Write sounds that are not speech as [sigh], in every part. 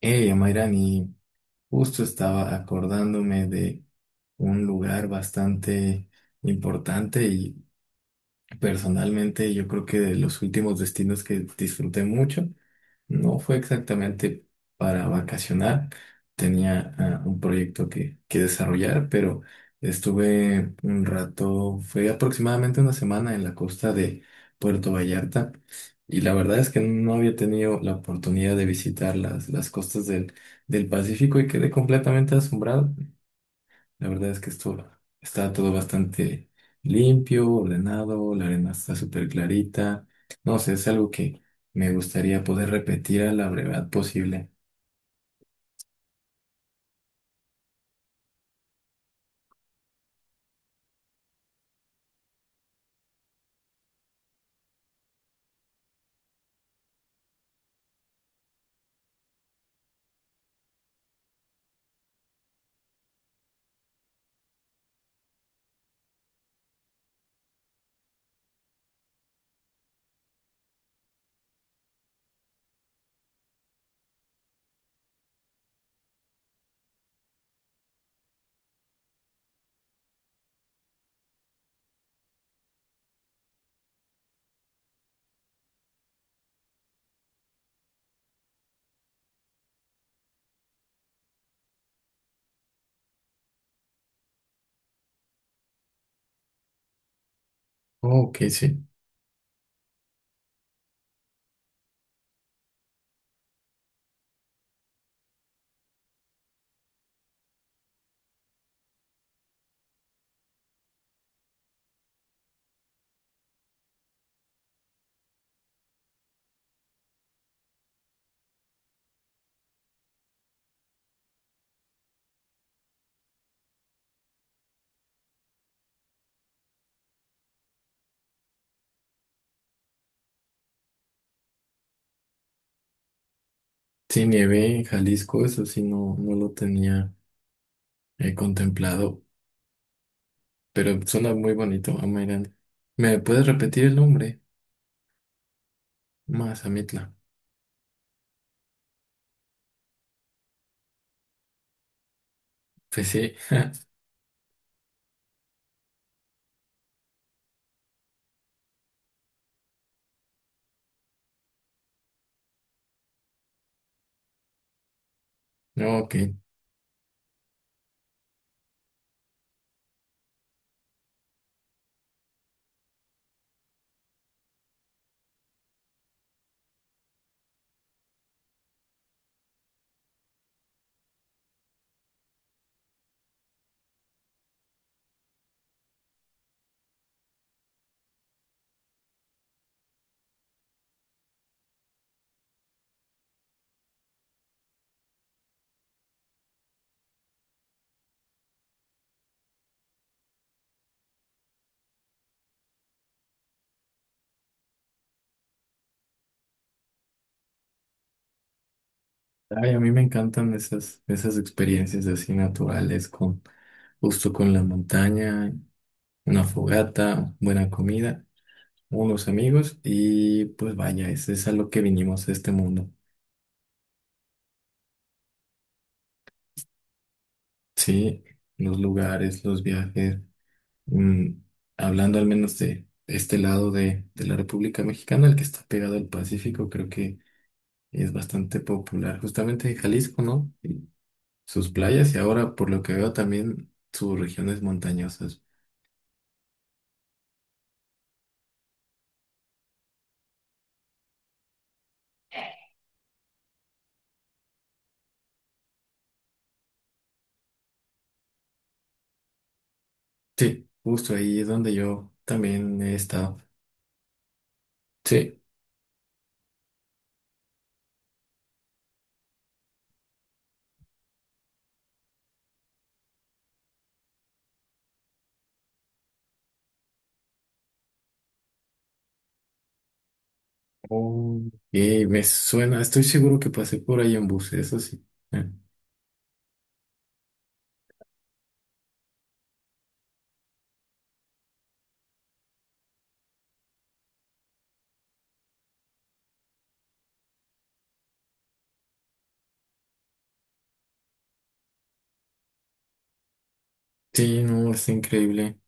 Mayrani, justo estaba acordándome de un lugar bastante importante. Personalmente, yo creo que de los últimos destinos que disfruté mucho no fue exactamente para vacacionar. Tenía un proyecto que desarrollar, pero estuve un rato, fue aproximadamente una semana en la costa de Puerto Vallarta, y la verdad es que no había tenido la oportunidad de visitar las costas del Pacífico y quedé completamente asombrado. La verdad es que esto está todo bastante limpio, ordenado, la arena está súper clarita. No sé, es algo que me gustaría poder repetir a la brevedad posible. Oh, ok, sí. Sí, nieve en Jalisco, eso sí no lo tenía contemplado, pero suena muy bonito, Amairán. ¿Me puedes repetir el nombre? Mazamitla. Pues sí. No, ok. Ay, a mí me encantan esas experiencias así naturales con justo con la montaña. Una fogata, buena comida, unos amigos y pues vaya, es a lo que vinimos a este mundo. Sí, los lugares, los viajes, mm, hablando al menos de este lado de la República Mexicana, el que está pegado al Pacífico, creo que es bastante popular, justamente de Jalisco, ¿no? Y sus playas y ahora, por lo que veo, también sus regiones montañosas. Sí, justo ahí es donde yo también he estado. Sí. Oh, me suena, estoy seguro que pasé por ahí en bus, eso sí. Eh, Sí, no, es increíble.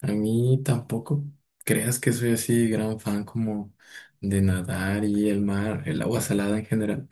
A mí tampoco creas que soy así gran fan como de nadar y el mar, el agua salada en general.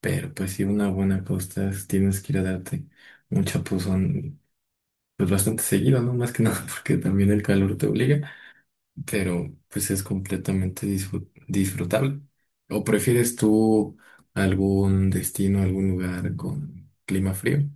Pero pues sí, una buena costa tienes que ir a darte un chapuzón, pues bastante seguido, ¿no? Más que nada [laughs] porque también el calor te obliga. Pero pues es completamente disfrutable. ¿O prefieres tú algún destino, algún lugar con clima frío?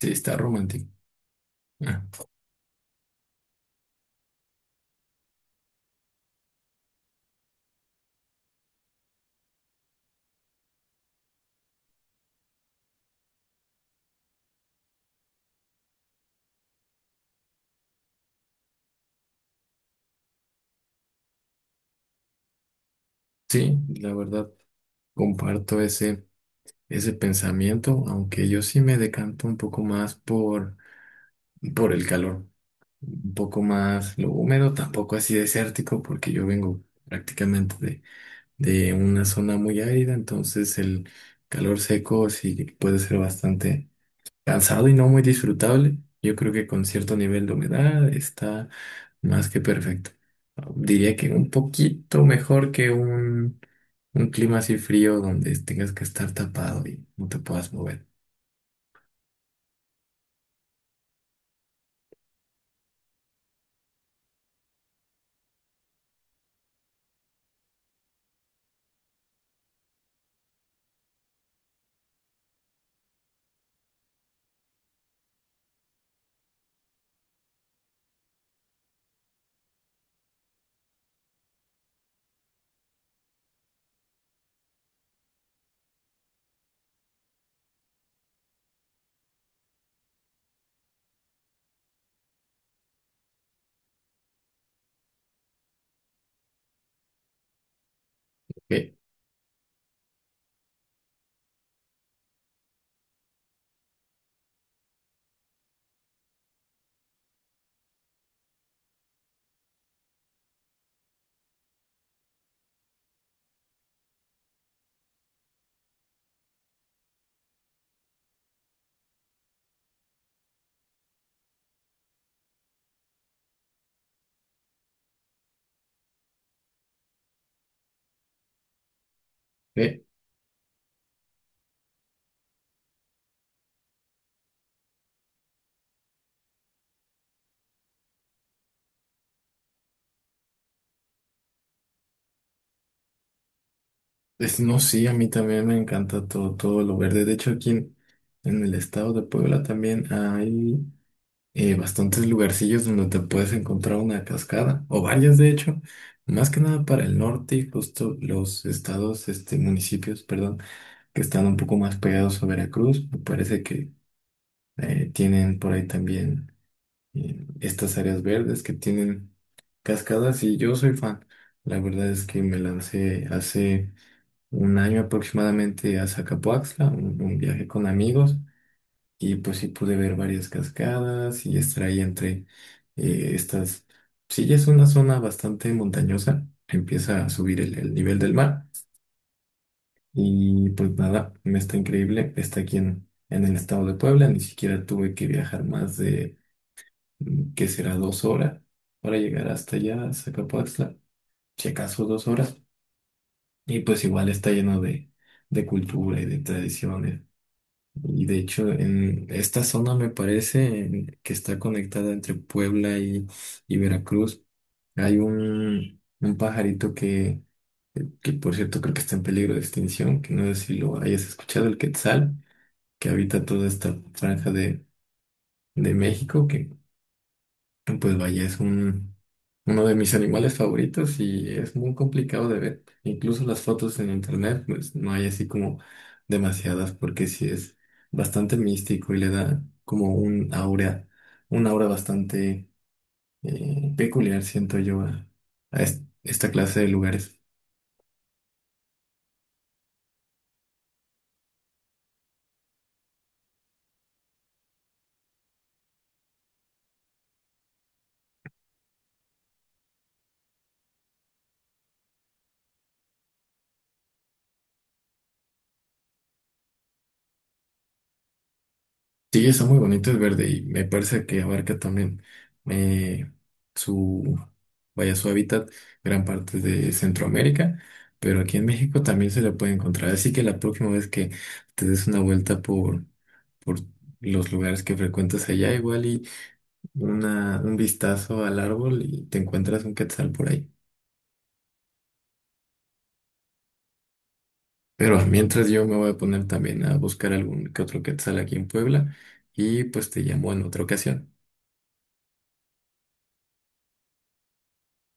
Sí, está romántico. Ah, sí, la verdad, comparto ese pensamiento, aunque yo sí me decanto un poco más por, el calor, un poco más lo húmedo, tampoco así desértico, porque yo vengo prácticamente de una zona muy árida, entonces el calor seco sí puede ser bastante cansado y no muy disfrutable. Yo creo que con cierto nivel de humedad está más que perfecto. Diría que un poquito mejor que un clima así frío donde tengas que estar tapado y no te puedas mover. Eh, eh, no, sí, a mí también me encanta todo lo verde. De hecho, aquí en el estado de Puebla también hay bastantes lugarcillos donde te puedes encontrar una cascada, o varias de hecho, más que nada para el norte y justo los estados, este, municipios, perdón, que están un poco más pegados a Veracruz, me parece que tienen por ahí también estas áreas verdes que tienen cascadas y yo soy fan. La verdad es que me lancé hace un año aproximadamente a Zacapoaxtla, un viaje con amigos. Y pues sí pude ver varias cascadas y estar ahí entre estas... Sí, ya es una zona bastante montañosa, empieza a subir el nivel del mar y pues nada, está increíble, está aquí en el estado de Puebla, ni siquiera tuve que viajar más de, ¿qué será? 2 horas para llegar hasta allá, a Zacapoaxtla, si acaso 2 horas. Y pues igual está lleno de cultura y de tradiciones. Y de hecho, en esta zona me parece en- que está conectada entre Puebla y Veracruz. Hay un pajarito que, por cierto, creo que está en peligro de extinción, que no sé si lo hayas escuchado, el quetzal, que habita toda esta franja de México, que pues vaya, es uno de mis animales favoritos y es muy complicado de ver. Incluso las fotos en internet, pues no hay así como demasiadas porque sí es bastante místico y le da como un aura bastante peculiar, siento yo, a esta clase de lugares. Sí, está muy bonito, es verde y me parece que abarca también eh, su, vaya, su hábitat gran parte de Centroamérica, pero aquí en México también se le puede encontrar. Así que la próxima vez que te des una vuelta por los lugares que frecuentas allá, igual y un vistazo al árbol y te encuentras un quetzal por ahí. Pero mientras yo me voy a poner también a buscar algún que otro quetzal aquí en Puebla y pues te llamo en otra ocasión.